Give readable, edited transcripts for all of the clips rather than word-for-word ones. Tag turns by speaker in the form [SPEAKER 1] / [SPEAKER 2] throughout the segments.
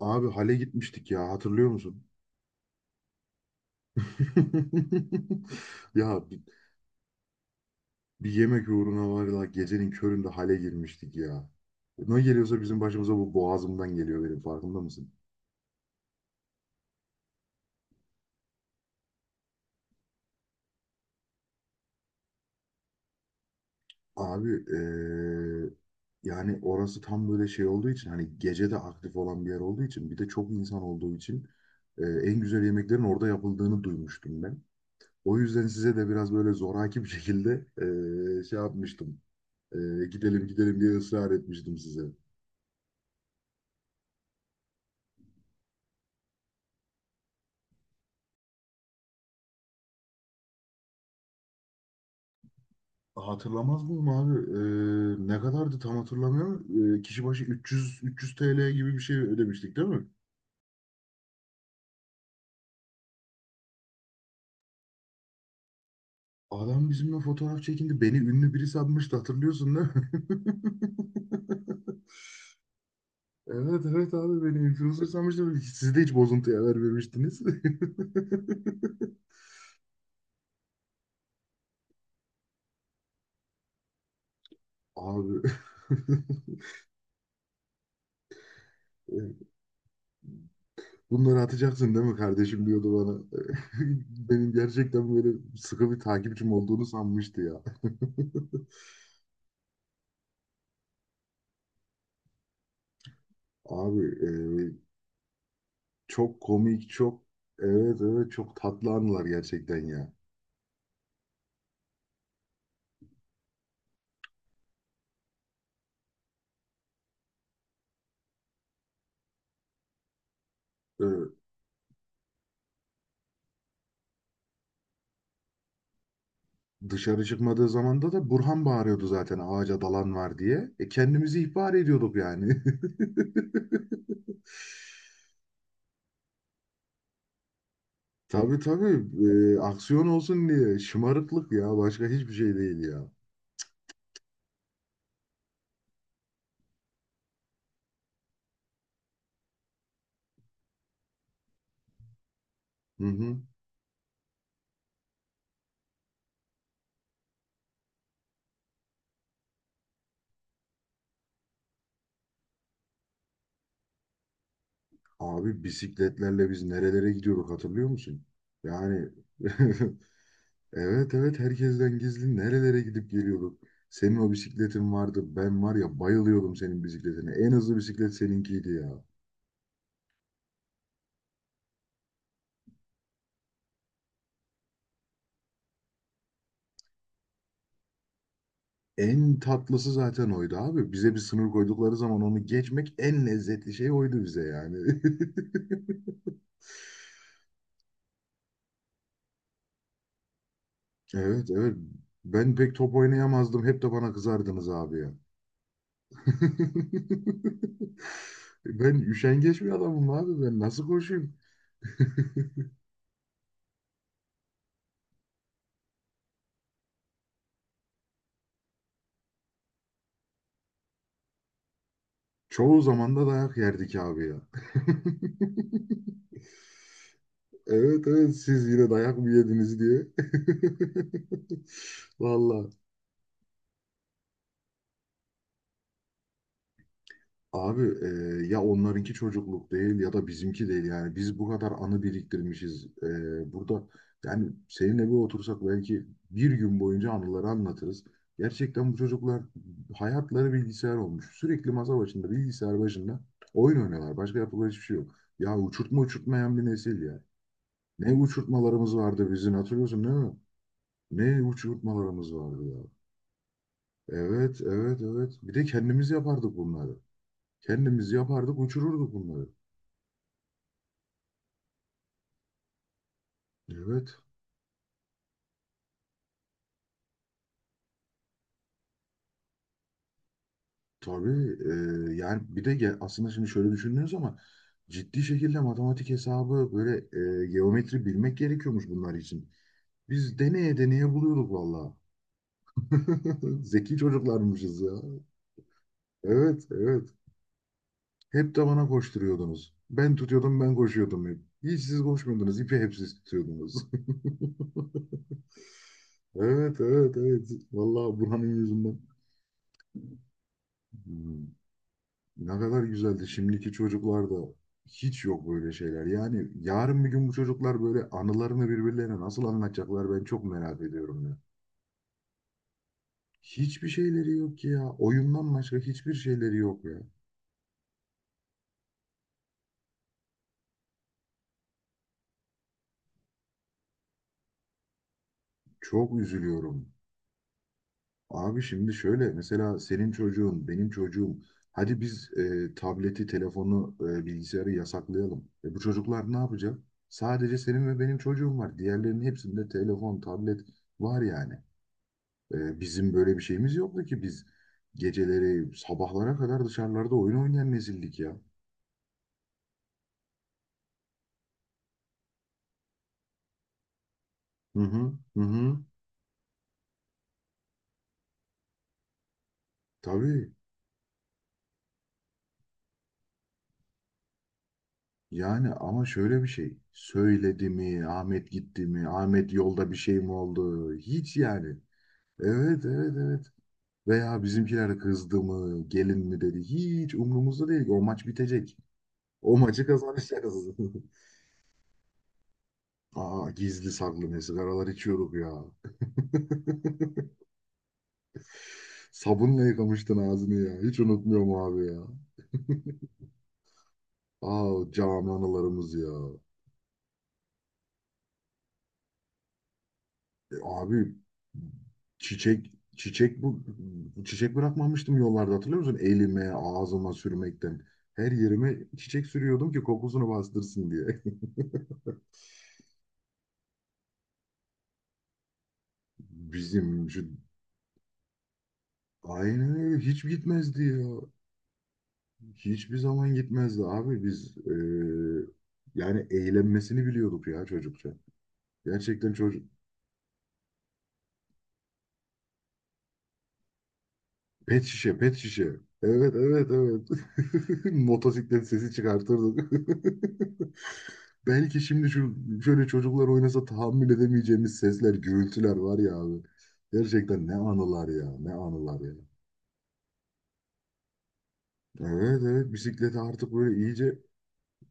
[SPEAKER 1] Abi Hale gitmiştik ya hatırlıyor musun? Ya bir yemek uğruna var ya gecenin köründe Hale girmiştik ya. Ne geliyorsa bizim başımıza bu boğazımdan geliyor benim farkında mısın? Abi yani orası tam böyle şey olduğu için hani gece de aktif olan bir yer olduğu için bir de çok insan olduğu için en güzel yemeklerin orada yapıldığını duymuştum ben. O yüzden size de biraz böyle zoraki bir şekilde şey yapmıştım. Gidelim gidelim diye ısrar etmiştim size. Hatırlamaz mıyım abi? Ne kadardı tam hatırlamıyorum. Kişi başı 300 TL gibi bir şey ödemiştik değil mi? Adam bizimle fotoğraf çekindi. Beni ünlü biri sanmıştı hatırlıyorsun değil mi? Evet evet abi beni influencer sanmıştı. Siz de hiç bozuntuya vermemiştiniz. Abi bunları atacaksın değil mi kardeşim diyordu bana. Benim gerçekten böyle sıkı bir takipçim olduğunu sanmıştı ya. Abi e, Çok komik, evet evet çok tatlı anılar gerçekten ya. Ee, Dışarı çıkmadığı zamanda da Burhan bağırıyordu zaten ağaca dalan var diye. Kendimizi ihbar ediyorduk yani. Tabii tabii. Aksiyon olsun diye şımarıklık ya, başka hiçbir şey değil ya. Hı hı. Abi bisikletlerle biz nerelere gidiyorduk hatırlıyor musun? Yani evet evet herkesten gizli nerelere gidip geliyorduk. Senin o bisikletin vardı. Ben var ya bayılıyordum senin bisikletine. En hızlı bisiklet seninkiydi ya. En tatlısı zaten oydu abi. Bize bir sınır koydukları zaman onu geçmek en lezzetli şey oydu bize yani. Evet evet. Ben pek top oynayamazdım. Hep de bana kızardınız abi ya. Ben üşengeç bir adamım abi. Ben nasıl koşayım? Çoğu zaman da dayak yerdik abi ya. Evet evet, siz yine dayak mı yediniz diye. Valla abi e, ya onlarınki çocukluk değil ya da bizimki değil yani, biz bu kadar anı biriktirmişiz. Burada yani seninle bir otursak belki bir gün boyunca anıları anlatırız. Gerçekten bu çocuklar hayatları bilgisayar olmuş. Sürekli masa başında, bilgisayar başında oyun oynuyorlar. Başka yapılan hiçbir şey yok. Ya uçurtma uçurtmayan bir nesil ya. Ne uçurtmalarımız vardı bizim, hatırlıyorsun değil mi? Ne uçurtmalarımız vardı ya. Evet, evet, evet. Bir de kendimiz yapardık bunları. Kendimiz yapardık, uçururduk bunları. Evet. Tabii aslında şimdi şöyle düşünüyoruz ama ciddi şekilde matematik hesabı böyle, geometri bilmek gerekiyormuş bunlar için. Biz deneye deneye buluyorduk vallahi. Zeki çocuklarmışız ya. Evet, evet. Hep de bana koşturuyordunuz. Ben tutuyordum, ben koşuyordum hep. Hiç siz koşmuyordunuz, ipi hep siz tutuyordunuz. Evet, evet, evet. Vallahi Burhan'ın yüzünden. Hmm. Ne kadar güzeldi. Şimdiki çocuklarda hiç yok böyle şeyler. Yani yarın bir gün bu çocuklar böyle anılarını birbirlerine nasıl anlatacaklar, ben çok merak ediyorum ya. Hiçbir şeyleri yok ki ya. Oyundan başka hiçbir şeyleri yok ya. Çok üzülüyorum. Abi şimdi şöyle, mesela senin çocuğun, benim çocuğum. Hadi biz tableti, telefonu, bilgisayarı yasaklayalım. Bu çocuklar ne yapacak? Sadece senin ve benim çocuğum var. Diğerlerinin hepsinde telefon, tablet var yani. Bizim böyle bir şeyimiz yoktu ki, biz geceleri sabahlara kadar dışarılarda oyun oynayan nesildik ya. Hı hı hı hı. Tabii, yani ama şöyle bir şey. Söyledi mi? Ahmet gitti mi? Ahmet yolda bir şey mi oldu? Hiç yani. Evet evet evet. Veya bizimkiler kızdı mı? Gelin mi dedi? Hiç umurumuzda değil ki. O maç bitecek. O maçı kazanacağız. Aa, gizli saklı ne sigaralar içiyorduk ya. Sabunla yıkamıştın ağzını ya. Hiç unutmuyorum abi ya. Aa, cami analarımız ya. E, abi çiçek çiçek bu çiçek bırakmamıştım yollarda, hatırlıyor musun? Elime, ağzıma sürmekten. Her yerime çiçek sürüyordum ki kokusunu bastırsın diye. Bizim şu Aynen öyle, hiç gitmezdi ya. Hiçbir zaman gitmezdi abi, biz yani eğlenmesini biliyorduk ya, çocukça. Gerçekten çocuk. Pet şişe pet şişe. Evet evet evet. Motosiklet sesi çıkartırdık. Belki şimdi şöyle çocuklar oynasa tahammül edemeyeceğimiz sesler, gürültüler var ya abi. Gerçekten ne anılar ya, ne anılar ya. Evet evet, bisiklete artık böyle iyice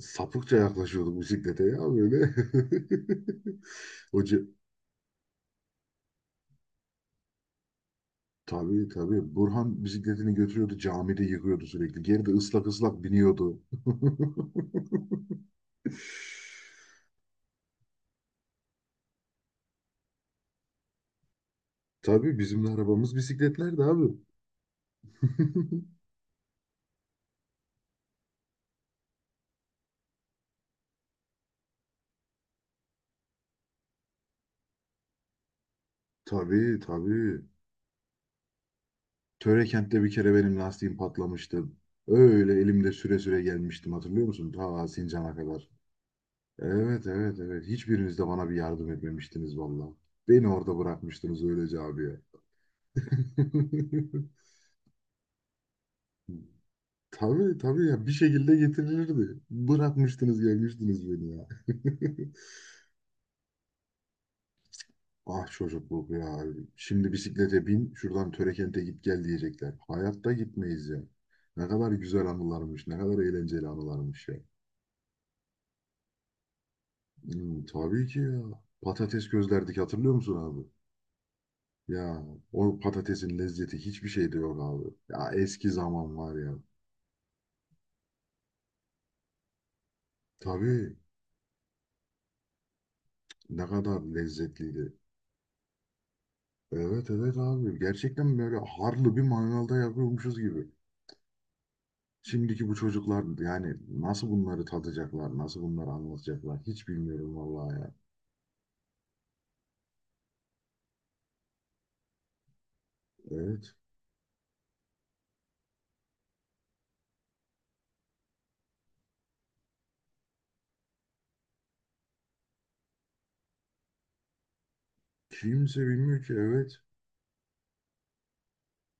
[SPEAKER 1] sapıkça yaklaşıyorduk bisiklete ya böyle. Hoca tabii tabii, Burhan bisikletini götürüyordu, camide yıkıyordu sürekli. Geri de ıslak ıslak biniyordu. Tabii bizim de arabamız bisikletlerdi abi. Tabii tabii. Törekent'te bir kere benim lastiğim patlamıştı. Öyle elimde süre süre gelmiştim, hatırlıyor musun? Ta Sincan'a kadar. Evet evet evet. Hiçbiriniz de bana bir yardım etmemiştiniz valla. Beni orada bırakmıştınız öylece, abiye. Tabii tabii, ya bir şekilde getirilirdi. Bırakmıştınız, gelmiştiniz beni ya. Ah, çocukluk ya. Şimdi bisiklete bin şuradan Törekent'e git gel diyecekler. Hayatta gitmeyiz ya. Ne kadar güzel anılarmış, ne kadar eğlenceli anılarmış ya. Hmm, tabii ki ya. Patates közlerdik, hatırlıyor musun abi? Ya o patatesin lezzeti hiçbir şeyde yok abi. Ya eski zaman var ya. Tabii, ne kadar lezzetliydi. Evet evet abi, gerçekten böyle harlı bir mangalda yapıyormuşuz gibi. Şimdiki bu çocuklar yani nasıl bunları tadacaklar, nasıl bunları anlatacaklar hiç bilmiyorum vallahi ya. Evet. Kimse bilmiyor ki, evet.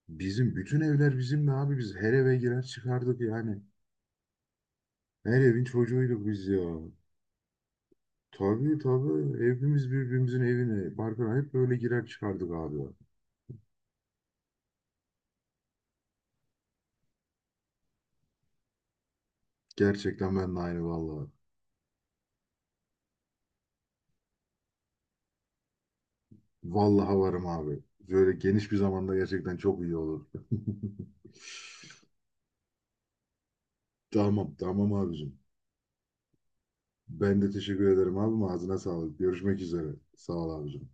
[SPEAKER 1] Bizim bütün evler bizimdi abi, biz her eve girer çıkardık yani. Her evin çocuğuyduk biz ya. Tabii tabii. Evimiz birbirimizin evine. Barkına hep böyle girer çıkardık abi. Gerçekten ben de aynı, vallahi. Vallahi varım abi. Böyle geniş bir zamanda gerçekten çok iyi olur. Tamam tamam abicim. Ben de teşekkür ederim abim. Ağzına sağlık. Görüşmek üzere. Sağ ol abicim.